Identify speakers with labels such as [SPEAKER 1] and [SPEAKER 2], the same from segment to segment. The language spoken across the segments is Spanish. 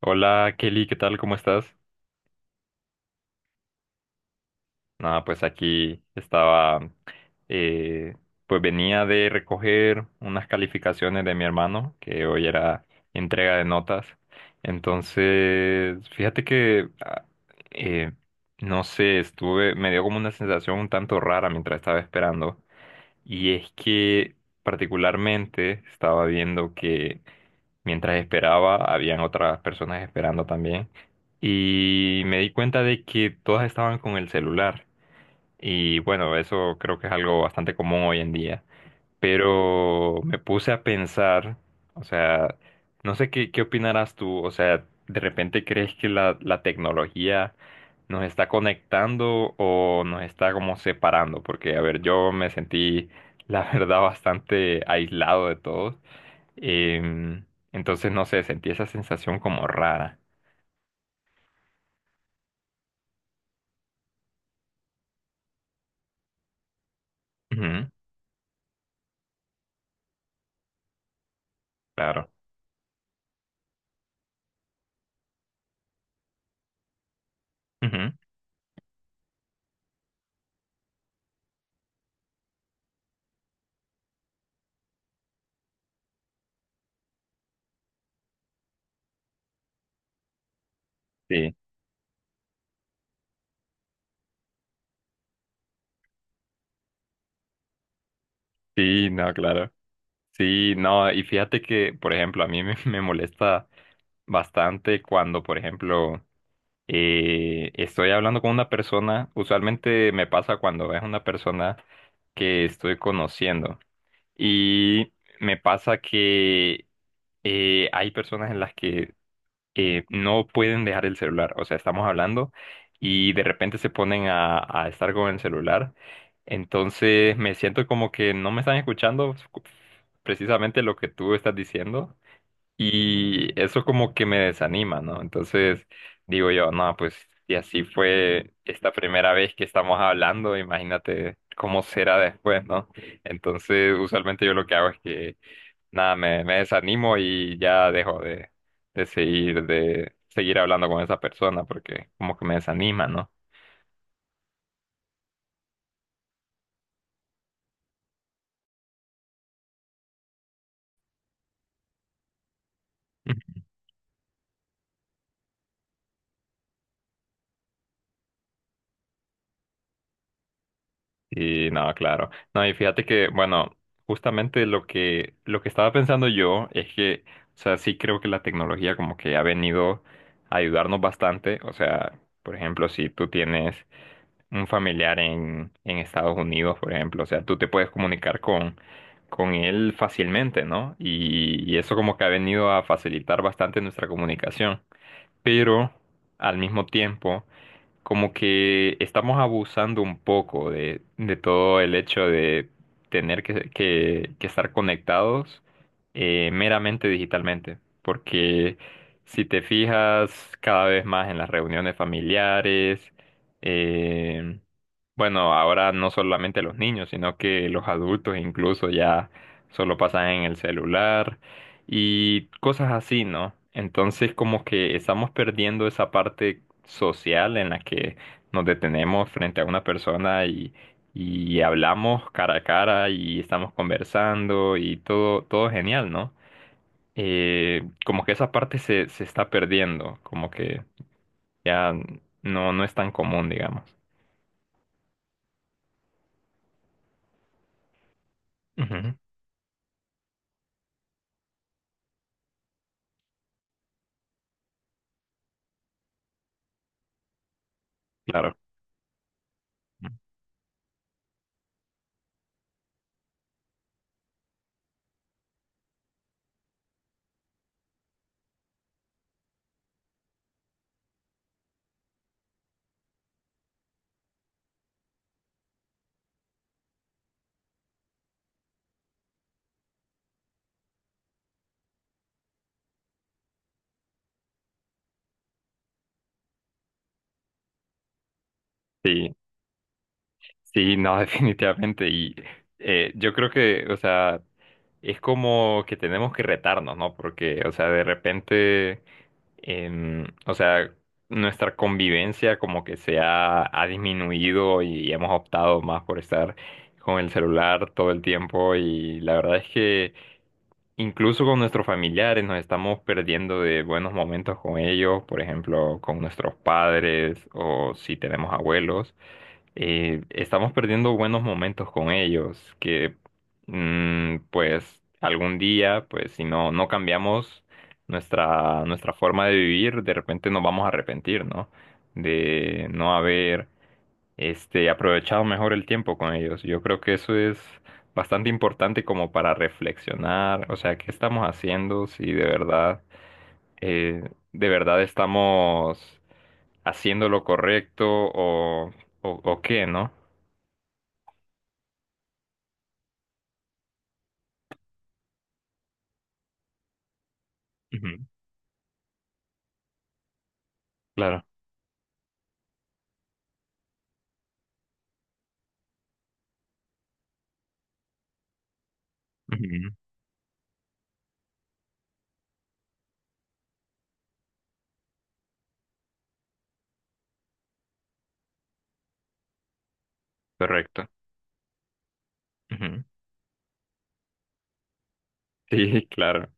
[SPEAKER 1] Hola Kelly, ¿qué tal? ¿Cómo estás? Nada, pues aquí estaba, eh, pues venía de recoger unas calificaciones de mi hermano, que hoy era entrega de notas. Entonces, fíjate que, eh, no sé, estuve, me dio como una sensación un tanto rara mientras estaba esperando. Y es que particularmente estaba viendo que mientras esperaba, habían otras personas esperando también. Y me di cuenta de que todas estaban con el celular. Y bueno, eso creo que es algo bastante común hoy en día. Pero me puse a pensar, o sea, no sé qué, qué opinarás tú. O sea, ¿de repente crees que la tecnología nos está conectando o nos está como separando? Porque, a ver, yo me sentí, la verdad, bastante aislado de todos. Em, entonces, no sé, sentí esa sensación como rara. Ujú, claro. Ujú, sí, sí, no, claro. Sí, no, y fíjate que, por ejemplo, a mí me, me molesta bastante cuando, por ejemplo, estoy hablando con una persona, usualmente me pasa cuando es una persona que estoy conociendo. Y me pasa que hay personas en las que no pueden dejar el celular. O sea, estamos hablando y de repente se ponen a estar con el celular. Entonces me siento como que no me están escuchando precisamente lo que tú estás diciendo y eso como que me desanima, ¿no? Entonces digo yo, no, pues si así fue esta primera vez que estamos hablando, imagínate cómo será después, ¿no? Entonces usualmente yo lo que hago es que nada, me desanimo y ya dejo de seguir hablando con esa persona porque como que me desanima, ¿no? Y no, claro. No, y fíjate que, bueno, justamente lo que estaba pensando yo es que, o sea, sí creo que la tecnología como que ha venido a ayudarnos bastante. O sea, por ejemplo, si tú tienes un familiar en Estados Unidos, por ejemplo. O sea, tú te puedes comunicar con él fácilmente, ¿no? Y eso como que ha venido a facilitar bastante nuestra comunicación. Pero al mismo tiempo como que estamos abusando un poco de todo el hecho de tener que estar conectados meramente digitalmente, porque si te fijas cada vez más en las reuniones familiares, eh, bueno, ahora no solamente los niños, sino que los adultos incluso ya solo pasan en el celular y cosas así, ¿no? Entonces como que estamos perdiendo esa parte social en la que nos detenemos frente a una persona y hablamos cara a cara y estamos conversando y todo, todo genial, ¿no? Como que esa parte se, se está perdiendo, como que ya no, no es tan común, digamos. Ujú, claro. Sí. Sí, no, definitivamente. Y yo creo que, o sea, es como que tenemos que retarnos, ¿no? Porque, o sea, de repente, o sea, nuestra convivencia como que se ha, ha disminuido y hemos optado más por estar con el celular todo el tiempo. Y la verdad es que incluso con nuestros familiares nos estamos perdiendo de buenos momentos con ellos, por ejemplo, con nuestros padres o si tenemos abuelos estamos perdiendo buenos momentos con ellos, que mm, pues algún día, pues si no, no cambiamos nuestra, nuestra forma de vivir, de repente nos vamos a arrepentir, ¿no? De no haber este, aprovechado mejor el tiempo con ellos. Yo creo que eso es bastante importante como para reflexionar, o sea, ¿qué estamos haciendo? Si de verdad, de verdad estamos haciendo lo correcto o qué, ¿no? Ujú. Claro. Ujú, correcto. Ujú. Sí, claro.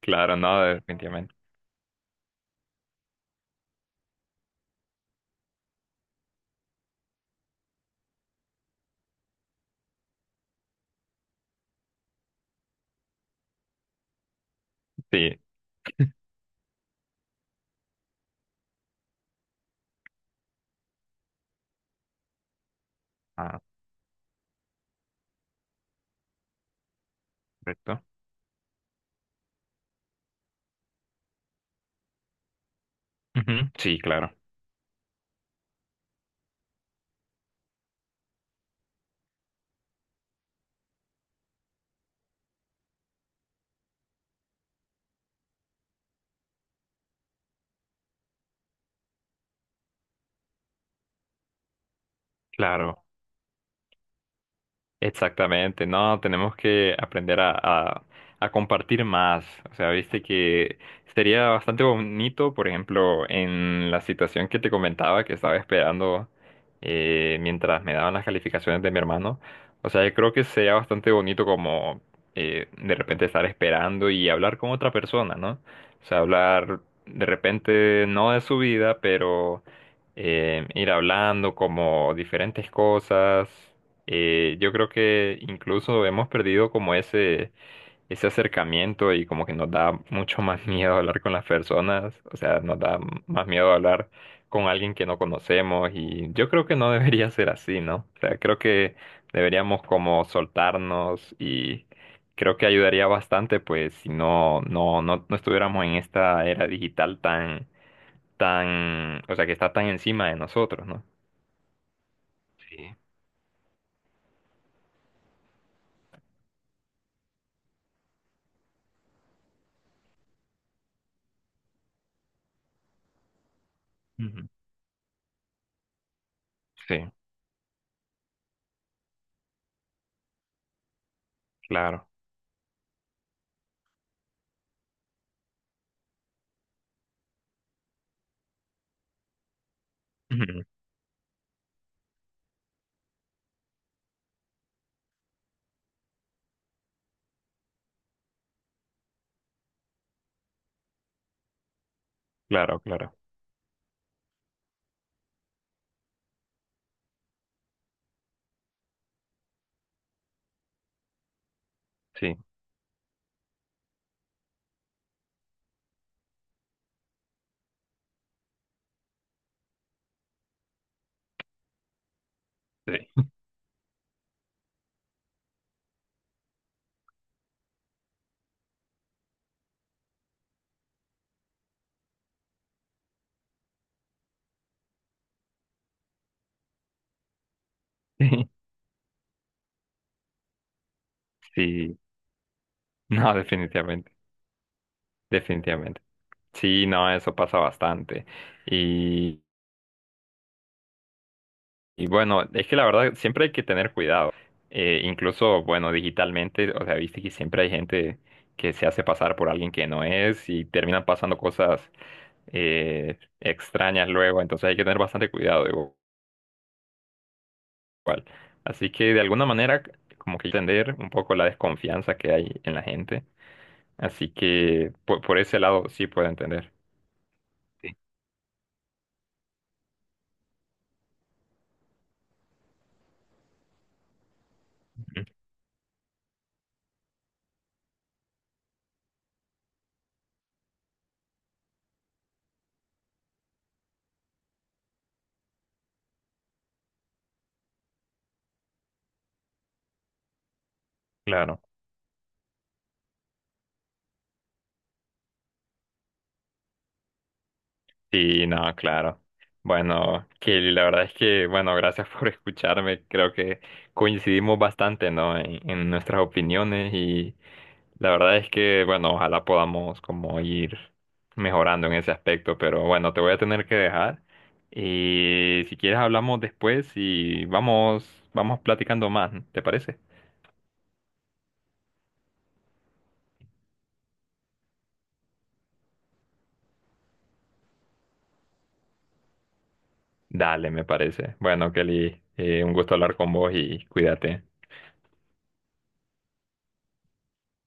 [SPEAKER 1] Claro, no, definitivamente. Sí. Ah, correcto. Ujú, sí, claro. Claro. Exactamente, no, tenemos que aprender a compartir más. O sea, viste que sería bastante bonito, por ejemplo, en la situación que te comentaba que estaba esperando mientras me daban las calificaciones de mi hermano. O sea, yo creo que sería bastante bonito como de repente estar esperando y hablar con otra persona, ¿no? O sea, hablar de repente no de su vida, pero ir hablando como diferentes cosas, yo creo que incluso hemos perdido como ese acercamiento y como que nos da mucho más miedo hablar con las personas, o sea, nos da más miedo hablar con alguien que no conocemos y yo creo que no debería ser así, ¿no? O sea, creo que deberíamos como soltarnos y creo que ayudaría bastante pues si no, no, no, no estuviéramos en esta era digital tan, tan, o sea, que está tan encima de nosotros, ¿no? Sí. Ujú. Sí, claro. Claro, claro. Sí, sí. Sí, no, definitivamente, definitivamente. Sí, no, eso pasa bastante. Y, y bueno, es que la verdad siempre hay que tener cuidado. Incluso, bueno, digitalmente, o sea, viste que siempre hay gente que se hace pasar por alguien que no es y terminan pasando cosas extrañas luego. Entonces hay que tener bastante cuidado. Cual. Así que de alguna manera, como que entender un poco la desconfianza que hay en la gente. Así que por ese lado sí puedo entender. Sí. Ujú, claro. Sí, no, claro. Bueno, Kelly, la verdad es que, bueno, gracias por escucharme. Creo que coincidimos bastante, ¿no? En nuestras opiniones. La verdad es que, bueno, ojalá podamos como ir mejorando en ese aspecto, pero bueno, te voy a tener que dejar. Y si quieres hablamos después y vamos, vamos platicando más, ¿te parece? Dale, me parece. Bueno, Kelly, un gusto hablar con vos y cuídate.